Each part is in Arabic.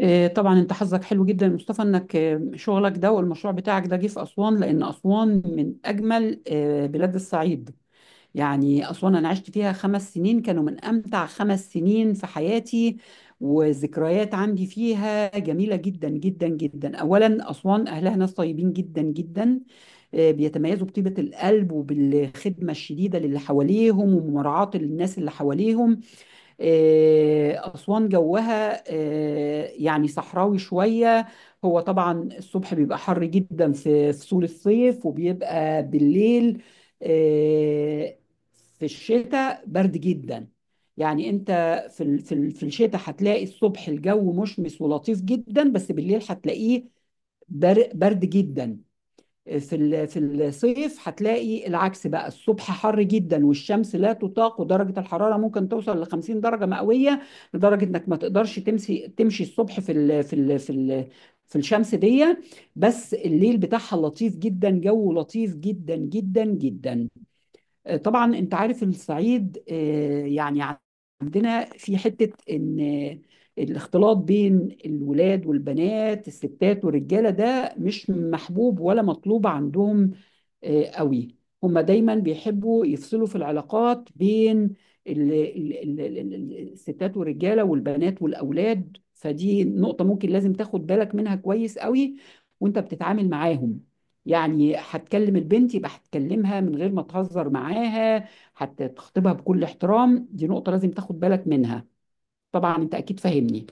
طبعا انت حظك حلو جدا يا مصطفى انك شغلك ده والمشروع بتاعك ده جه في اسوان، لان اسوان من اجمل بلاد الصعيد. يعني اسوان انا عشت فيها 5 سنين، كانوا من امتع 5 سنين في حياتي، وذكريات عندي فيها جميله جدا جدا جدا. اولا اسوان اهلها ناس طيبين جدا جدا، بيتميزوا بطيبه القلب وبالخدمه الشديده للي حواليهم ومراعاه الناس اللي حواليهم. أسوان جوها يعني صحراوي شوية. هو طبعا الصبح بيبقى حر جدا في فصول الصيف، وبيبقى بالليل آه، في الشتاء برد جدا. يعني انت في الشتاء هتلاقي الصبح الجو مشمس ولطيف جدا، بس بالليل هتلاقيه برد جدا. في الصيف هتلاقي العكس بقى، الصبح حر جدا والشمس لا تطاق، ودرجة الحرارة ممكن توصل ل 50 درجة مئوية، لدرجة انك ما تقدرش تمشي الصبح في الشمس دي. بس الليل بتاعها لطيف جدا، جو لطيف جدا جدا جدا. طبعا انت عارف الصعيد، يعني عندنا في حتة ان الاختلاط بين الولاد والبنات، الستات والرجالة، ده مش محبوب ولا مطلوب عندهم قوي. هما دايما بيحبوا يفصلوا في العلاقات بين الستات والرجالة والبنات والأولاد. فدي نقطة ممكن لازم تاخد بالك منها كويس قوي وانت بتتعامل معاهم. يعني هتكلم البنت يبقى هتكلمها من غير ما تهزر معاها، هتخطبها بكل احترام. دي نقطة لازم تاخد بالك منها، طبعا انت اكيد فاهمني.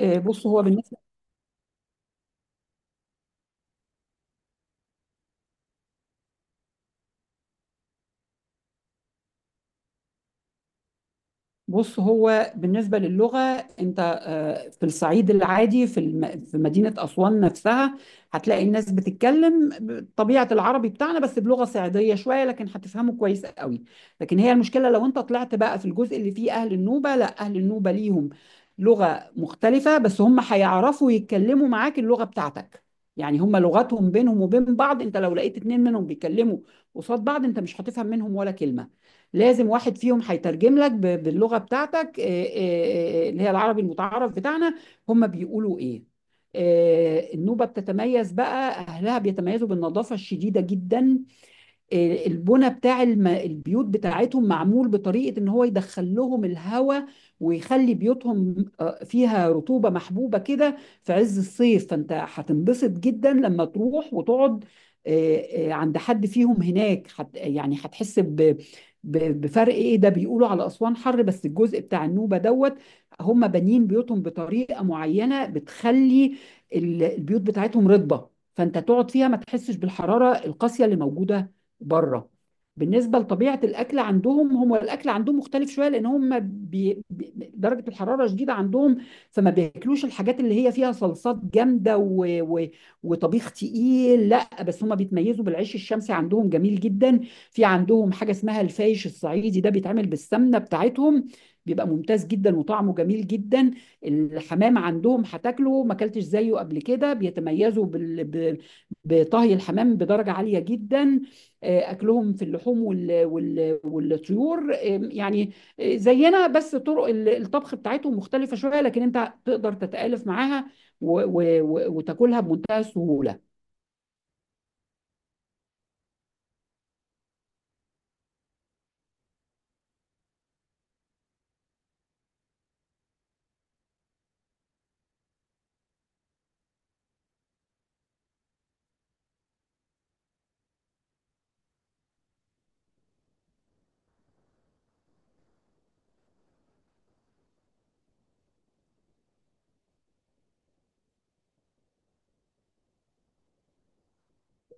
آه، بص هو بالنسبة بص هو بالنسبة للغة. انت في الصعيد العادي، في مدينة أسوان نفسها، هتلاقي الناس بتتكلم طبيعة العربي بتاعنا بس بلغة صعيدية شوية، لكن هتفهمه كويس قوي. لكن هي المشكلة لو انت طلعت بقى في الجزء اللي فيه أهل النوبة، لا، أهل النوبة ليهم لغة مختلفة، بس هم هيعرفوا يتكلموا معاك اللغة بتاعتك. يعني هم لغتهم بينهم وبين بعض، انت لو لقيت اتنين منهم بيتكلموا قصاد بعض انت مش هتفهم منهم ولا كلمة. لازم واحد فيهم هيترجم لك باللغة بتاعتك، اللي هي العربي المتعارف بتاعنا، هم بيقولوا ايه. النوبة بتتميز بقى، أهلها بيتميزوا بالنظافة الشديدة جدا. البنى بتاع البيوت بتاعتهم معمول بطريقة ان هو يدخل لهم الهواء، ويخلي بيوتهم فيها رطوبة محبوبة كده في عز الصيف. فانت هتنبسط جدا لما تروح وتقعد عند حد فيهم هناك، حت يعني هتحس بفرق ايه ده، بيقولوا على اسوان حر بس الجزء بتاع النوبة دوت. هم بانيين بيوتهم بطريقة معينة بتخلي البيوت بتاعتهم رطبة، فانت تقعد فيها ما تحسش بالحرارة القاسية اللي موجودة بره. بالنسبه لطبيعه الاكل عندهم، هم الاكل عندهم مختلف شويه، لان هم درجه الحراره شديده عندهم، فما بياكلوش الحاجات اللي هي فيها صلصات جامده وطبيخ تقيل، لا. بس هم بيتميزوا بالعيش الشمسي عندهم، جميل جدا. في عندهم حاجه اسمها الفايش الصعيدي، ده بيتعمل بالسمنه بتاعتهم، بيبقى ممتاز جدا وطعمه جميل جدا. الحمام عندهم هتاكله ما اكلتش زيه قبل كده، بيتميزوا بطهي الحمام بدرجه عاليه جدا. اكلهم في اللحوم والطيور يعني زينا، بس طرق الطبخ بتاعتهم مختلفة شوية لكن انت تقدر تتآلف معاها وتاكلها بمنتهى السهولة.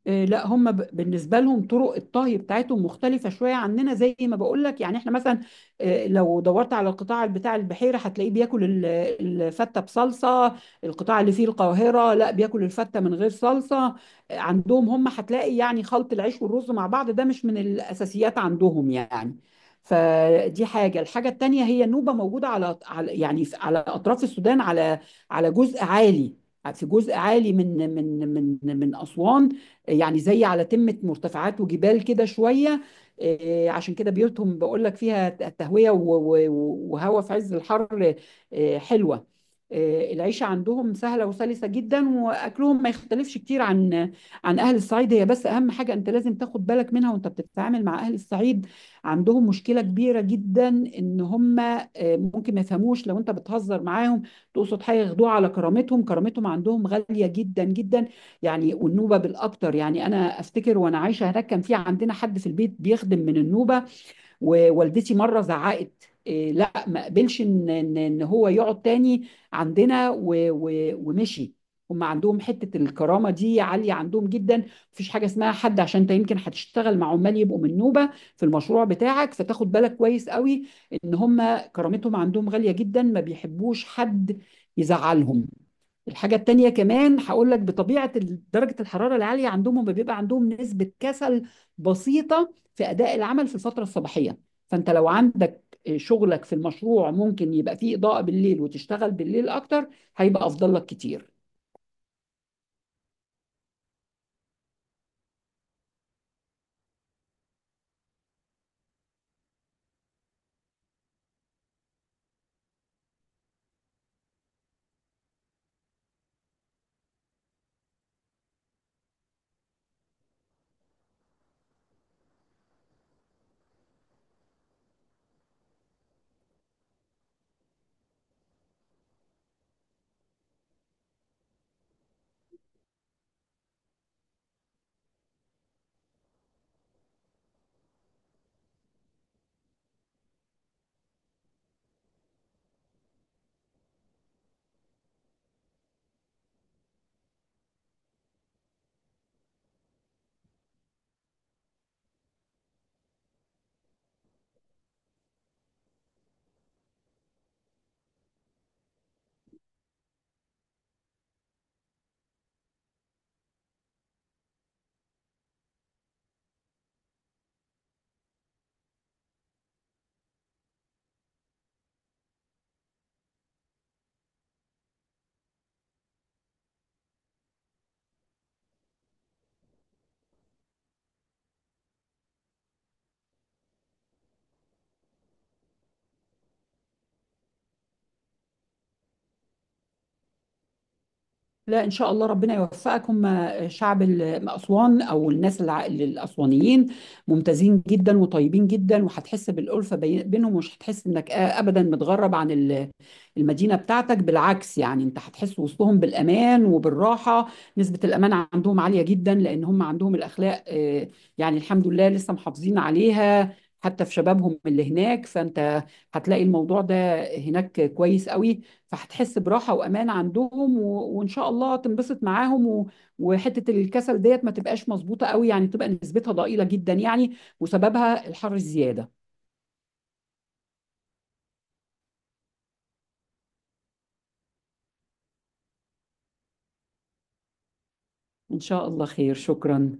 لا هم بالنسبه لهم طرق الطهي بتاعتهم مختلفه شويه عننا، زي ما بقول لك. يعني احنا مثلا لو دورت على القطاع بتاع البحيره هتلاقيه بياكل الفته بصلصه، القطاع اللي فيه القاهره لا، بياكل الفته من غير صلصه. عندهم هم هتلاقي يعني خلط العيش والرز مع بعض ده مش من الاساسيات عندهم يعني. فدي حاجه. الحاجه التانيه، هي النوبه موجوده على يعني على اطراف السودان، على على جزء عالي. في جزء عالي من اسوان، يعني زي على تمة مرتفعات وجبال كده شوية. عشان كده بيوتهم بقول لك فيها تهوية وهواء في عز الحر، حلوة. العيشة عندهم سهلة وسلسة جدا، وأكلهم ما يختلفش كتير عن عن أهل الصعيد. هي بس أهم حاجة أنت لازم تاخد بالك منها وأنت بتتعامل مع أهل الصعيد، عندهم مشكلة كبيرة جدا إن هم ممكن ما يفهموش، لو أنت بتهزر معاهم تقصد حاجة ياخدوها على كرامتهم. كرامتهم عندهم غالية جدا جدا، يعني والنوبه بالاكتر. يعني انا افتكر وانا عايشه هناك كان في عندنا حد في البيت بيخدم من النوبه، ووالدتي مره زعقت إيه، لا ما قبلش ان ان إن هو يقعد تاني عندنا و و ومشي. هم عندهم حته الكرامه دي عاليه عندهم جدا، مفيش حاجه اسمها حد. عشان انت يمكن هتشتغل مع عمال يبقوا من نوبه في المشروع بتاعك، فتاخد بالك كويس قوي ان هم كرامتهم عندهم غاليه جدا، ما بيحبوش حد يزعلهم. الحاجة التانية كمان هقول لك، بطبيعة درجة الحرارة العالية عندهم، هم بيبقى عندهم نسبة كسل بسيطة في أداء العمل في الفترة الصباحية. فأنت لو عندك شغلك في المشروع ممكن يبقى فيه إضاءة بالليل وتشتغل بالليل أكتر، هيبقى أفضل لك كتير. لا ان شاء الله ربنا يوفقك. هم شعب اسوان، او الناس الاسوانيين، ممتازين جدا وطيبين جدا، وهتحس بالالفه بينهم، ومش هتحس انك ابدا متغرب عن المدينه بتاعتك. بالعكس يعني انت هتحس وسطهم بالامان وبالراحه. نسبه الامان عندهم عاليه جدا، لان هم عندهم الاخلاق، يعني الحمد لله لسه محافظين عليها حتى في شبابهم اللي هناك. فانت هتلاقي الموضوع ده هناك كويس قوي، فهتحس براحة وأمان عندهم، وإن شاء الله تنبسط معاهم، وحتة الكسل ديت ما تبقاش مظبوطة قوي يعني، تبقى نسبتها ضئيلة جدا يعني، وسببها الحر الزيادة. إن شاء الله خير، شكرا.